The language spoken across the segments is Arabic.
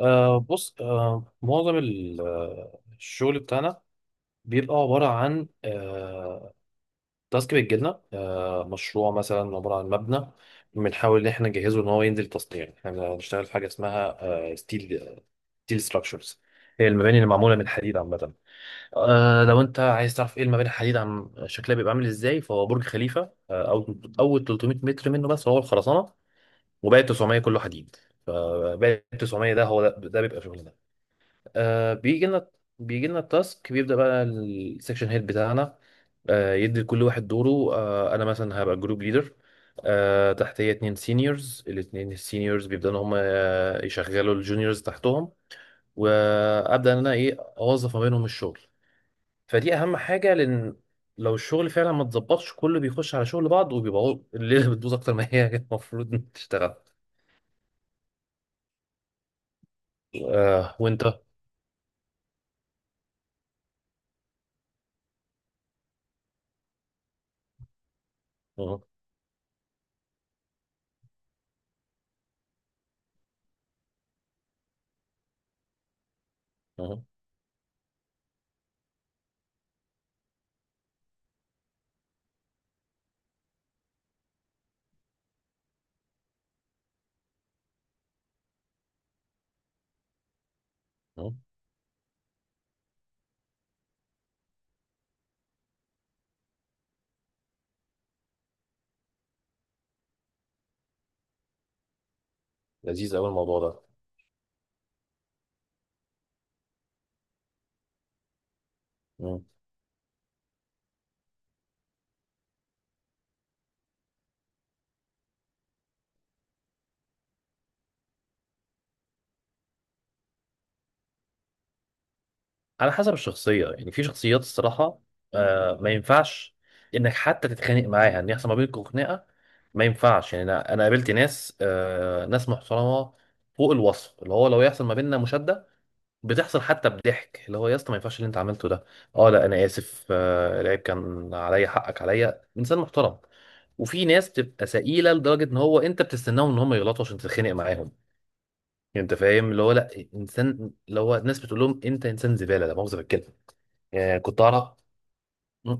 بص، معظم الشغل بتاعنا بيبقى عبارة عن تاسك بتجيلنا. مشروع مثلا عبارة عن مبنى، بنحاول إن إحنا نجهزه إن هو ينزل تصنيع. إحنا بنشتغل في حاجة اسمها آه ستيل ستيل ستراكشرز، هي المباني اللي معمولة من حديد عامة. لو أنت عايز تعرف إيه المباني الحديد عم شكلها بيبقى عامل إزاي، فهو برج خليفة. أو أول 300 متر منه بس هو الخرسانة، وباقي 900 كله حديد. فباقي 900 ده هو ده. بيبقى شغلنا. آه بيجي لنا بيجي لنا التاسك، بيبدأ بقى السكشن هيد بتاعنا يدي لكل واحد دوره. انا مثلا هبقى جروب ليدر، تحتيه اتنين سينيورز. الاتنين السينيورز بيبدأوا ان هم يشغلوا الجونيورز تحتهم، وابدأ ان انا اوظف ما بينهم الشغل. فدي اهم حاجة، لان لو الشغل فعلا ما اتظبطش كله بيخش على شغل بعض، وبيبقى الليلة بتبوظ اكتر ما هي المفروض إن تشتغل. وانت؟ مم، مم، مم. لذيذ قوي الموضوع ده. على حسب الشخصية، يعني في شخصيات الصراحة ما ينفعش انك حتى تتخانق معاها، ان يحصل ما بينكم خناقة ما ينفعش. يعني انا قابلت ناس، ناس محترمة فوق الوصف، اللي هو لو يحصل ما بيننا مشادة بتحصل، حتى بضحك اللي هو يا اسطى ما ينفعش اللي انت عملته ده. اه لا انا اسف، العيب كان عليا، حقك عليا، انسان محترم. وفي ناس بتبقى سئيله لدرجه ان هو انت بتستناهم ان هم يغلطوا عشان تتخانق معاهم. يعني انت فاهم اللي هو لا، انسان اللي هو الناس بتقول لهم انت انسان زباله، لا مؤاخذه بالكلمه. كنت اعرف. مم.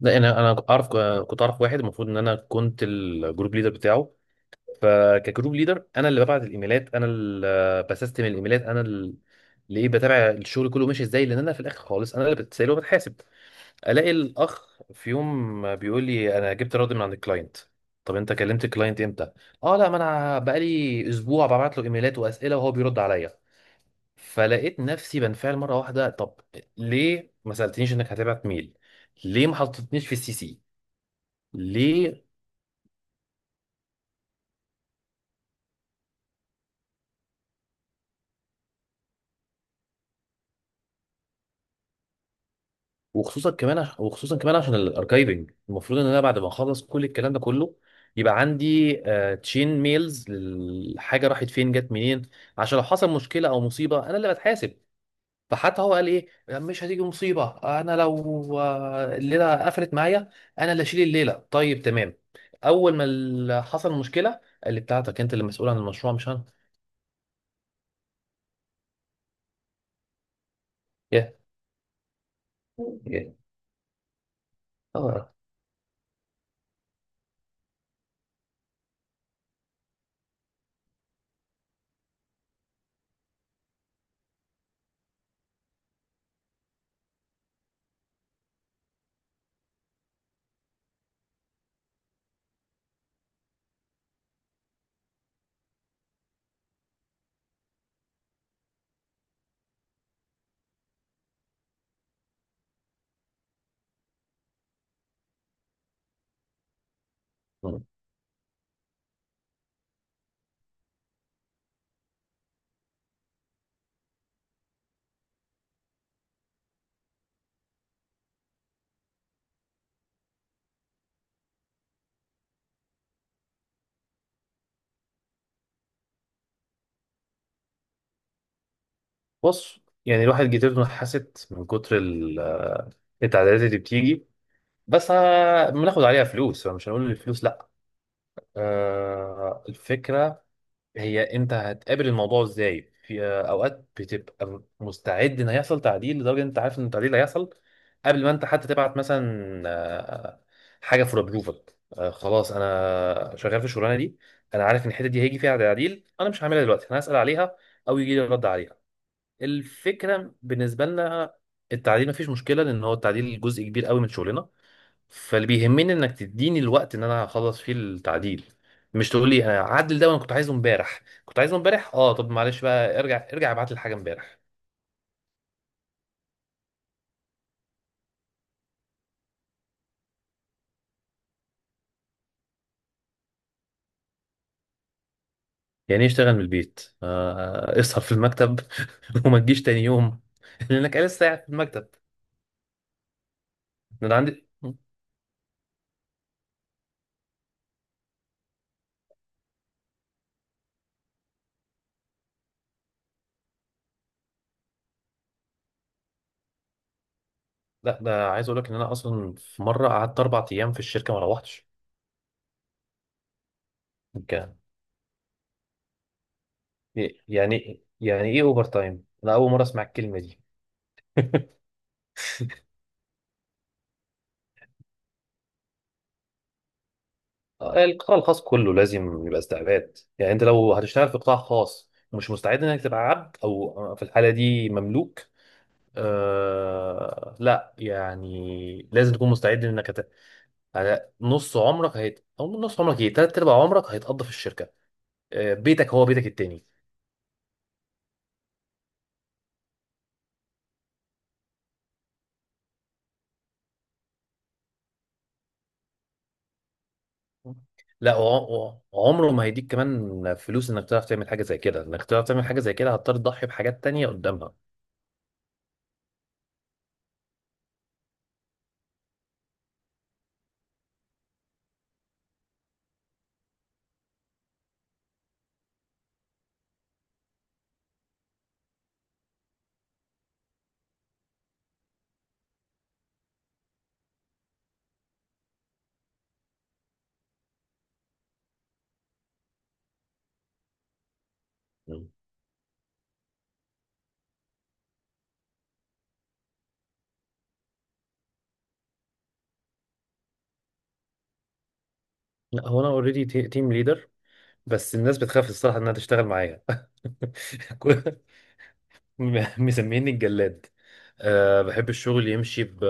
لا، يعني انا اعرف، كنت اعرف واحد المفروض ان انا كنت الجروب ليدر بتاعه. فكجروب ليدر انا اللي ببعت الايميلات، انا اللي بسستم الايميلات، انا اللي بتابع الشغل كله ماشي ازاي، لان انا في الاخر خالص انا اللي بتسال وبتحاسب. الاقي الاخ في يوم بيقول لي انا جبت رد من عند الكلاينت. طب انت كلمت الكلاينت امتى؟ اه لا، ما انا بقالي اسبوع ببعت له ايميلات واسئله وهو بيرد عليا. فلقيت نفسي بنفعل مره واحده. طب ليه ما سالتنيش انك هتبعت ميل؟ ليه ما حطيتنيش في السي سي؟ ليه؟ وخصوصا كمان عشان الاركايفنج، المفروض ان انا بعد ما اخلص كل الكلام ده كله يبقى عندي تشين ميلز الحاجه راحت فين جت منين، عشان لو حصل مشكله او مصيبه انا اللي بتحاسب. فحتى هو قال ايه، مش هتيجي مصيبه، انا لو الليله قفلت معايا انا اللي اشيل الليله. طيب تمام. اول ما حصل مشكله قال لي بتاعتك، انت اللي مسؤول عن المشروع مش انا. يا يا اه بص، يعني الواحد جيتته حست من كتر التعديلات اللي بتيجي. بس بناخد عليها فلوس، فمش هنقول الفلوس لا. الفكره هي انت هتقابل الموضوع ازاي. في اوقات بتبقى مستعد ان هيحصل تعديل، لدرجه ان انت عارف ان التعديل هيحصل قبل ما انت حتى تبعت مثلا حاجه فور ابروفل. خلاص انا شغال في الشغلانه دي، انا عارف ان الحته دي هيجي فيها تعديل، انا مش هعملها دلوقتي، انا هسال عليها او يجي لي رد عليها. الفكره بالنسبه لنا التعديل مفيش مشكله، لان هو التعديل جزء كبير قوي من شغلنا. فاللي بيهمني انك تديني الوقت ان انا اخلص فيه التعديل، مش تقول لي هعدل ده وانا كنت عايزه امبارح كنت عايزه امبارح. اه طب معلش بقى، ارجع ابعت لي الحاجه امبارح. يعني ايه اشتغل من البيت؟ اسهر في المكتب وما تجيش تاني يوم لانك لسه قاعد في المكتب. ده انا عندي. لا، ده عايز اقول لك ان انا اصلا في مره قعدت 4 ايام في الشركه ما روحتش. كان يعني ايه اوفر تايم؟ انا اول مره اسمع الكلمه دي. القطاع الخاص كله لازم يبقى استعباد، يعني انت لو هتشتغل في قطاع خاص ومش مستعد انك تبقى عبد او في الحاله دي مملوك. لا، يعني لازم تكون مستعد انك على نص عمرك او نص عمرك تلات ارباع عمرك هيتقضى في الشركه. بيتك هو بيتك التاني. لا، وعمره ما هيديك كمان فلوس انك تعرف تعمل حاجه زي كده. انك تعرف تعمل حاجه زي كده هتضطر تضحي بحاجات تانية قدامها. لا هو انا اوريدي تيم ليدر، بس الناس بتخاف الصراحه انها تشتغل معايا. كل- مسميني الجلاد. بحب الشغل يمشي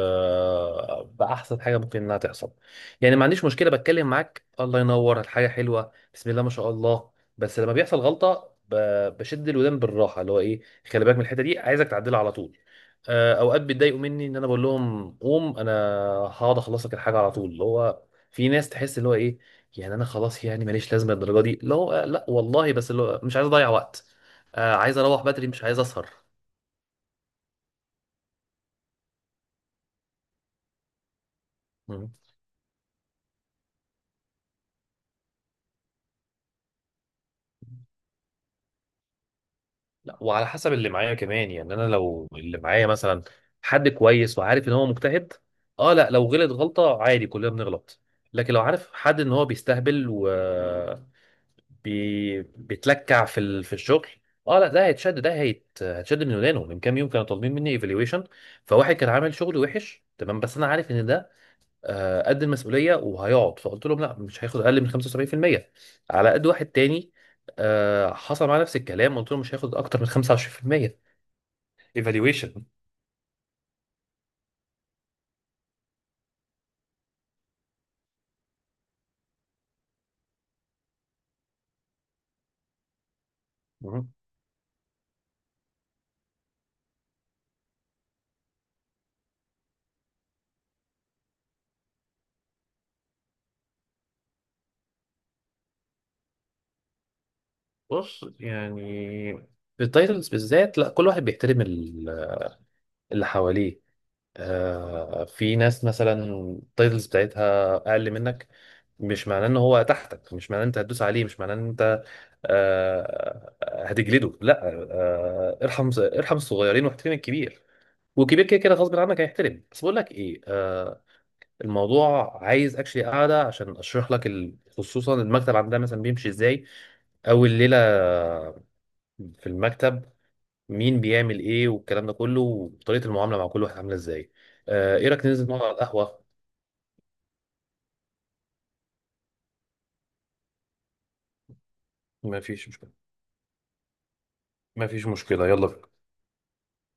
بأحسن حاجة ممكن إنها تحصل. يعني ما عنديش مشكلة، بتكلم معاك الله ينور الحاجة حلوة بسم الله ما شاء الله. بس لما بيحصل غلطة بشد الودان بالراحة، اللي هو إيه، خلي بالك من الحتة دي، عايزك تعدلها على طول. أوقات بيتضايقوا مني إن أنا بقول لهم قوم أنا هقعد أخلص لك الحاجة على طول. اللي هو في ناس تحس اللي هو إيه، يعني أنا خلاص، يعني ماليش لازمة الدرجة دي. لا لا والله، بس اللي هو مش عايز أضيع وقت. عايز اروح بدري مش عايز اسهر. مم. لا، وعلى حسب اللي معايا كمان. يعني انا لو اللي معايا مثلا حد كويس وعارف ان هو مجتهد، اه لا لو غلط غلطة عادي، كلنا بنغلط. لكن لو عارف حد ان هو بيستهبل و بيتلكع في الشغل، اه لا ده هيتشد. هيتشد من ودانه. من كام يوم كانوا طالبين مني ايفالويشن، فواحد كان عامل شغل وحش تمام، بس انا عارف ان ده قد المسؤوليه وهيقعد، فقلت لهم لا مش هياخد اقل من 75%. على قد واحد تاني حصل معاه نفس الكلام، قلت له مش هياخد اكتر من 25% ايفالويشن. بص، يعني في التايتلز بالذات لا، كل واحد بيحترم اللي حواليه. في ناس مثلا التايتلز بتاعتها اقل منك، مش معناه ان هو تحتك، مش معناه ان انت هتدوس عليه، مش معناه ان انت هتجلده لا. ارحم ارحم الصغيرين واحترم الكبير، وكبير كده كده غصب عنك هيحترم. بس بقول لك ايه، الموضوع عايز اكشلي قاعده عشان اشرح لك خصوصا المكتب عندنا مثلا بيمشي ازاي، او الليله في المكتب مين بيعمل ايه والكلام ده كله، وطريقه المعامله مع كل واحد عامله ازاي. ايه رايك ننزل نقعد على القهوه؟ ما فيش مشكله، ما فيش مشكله، يلا بينا.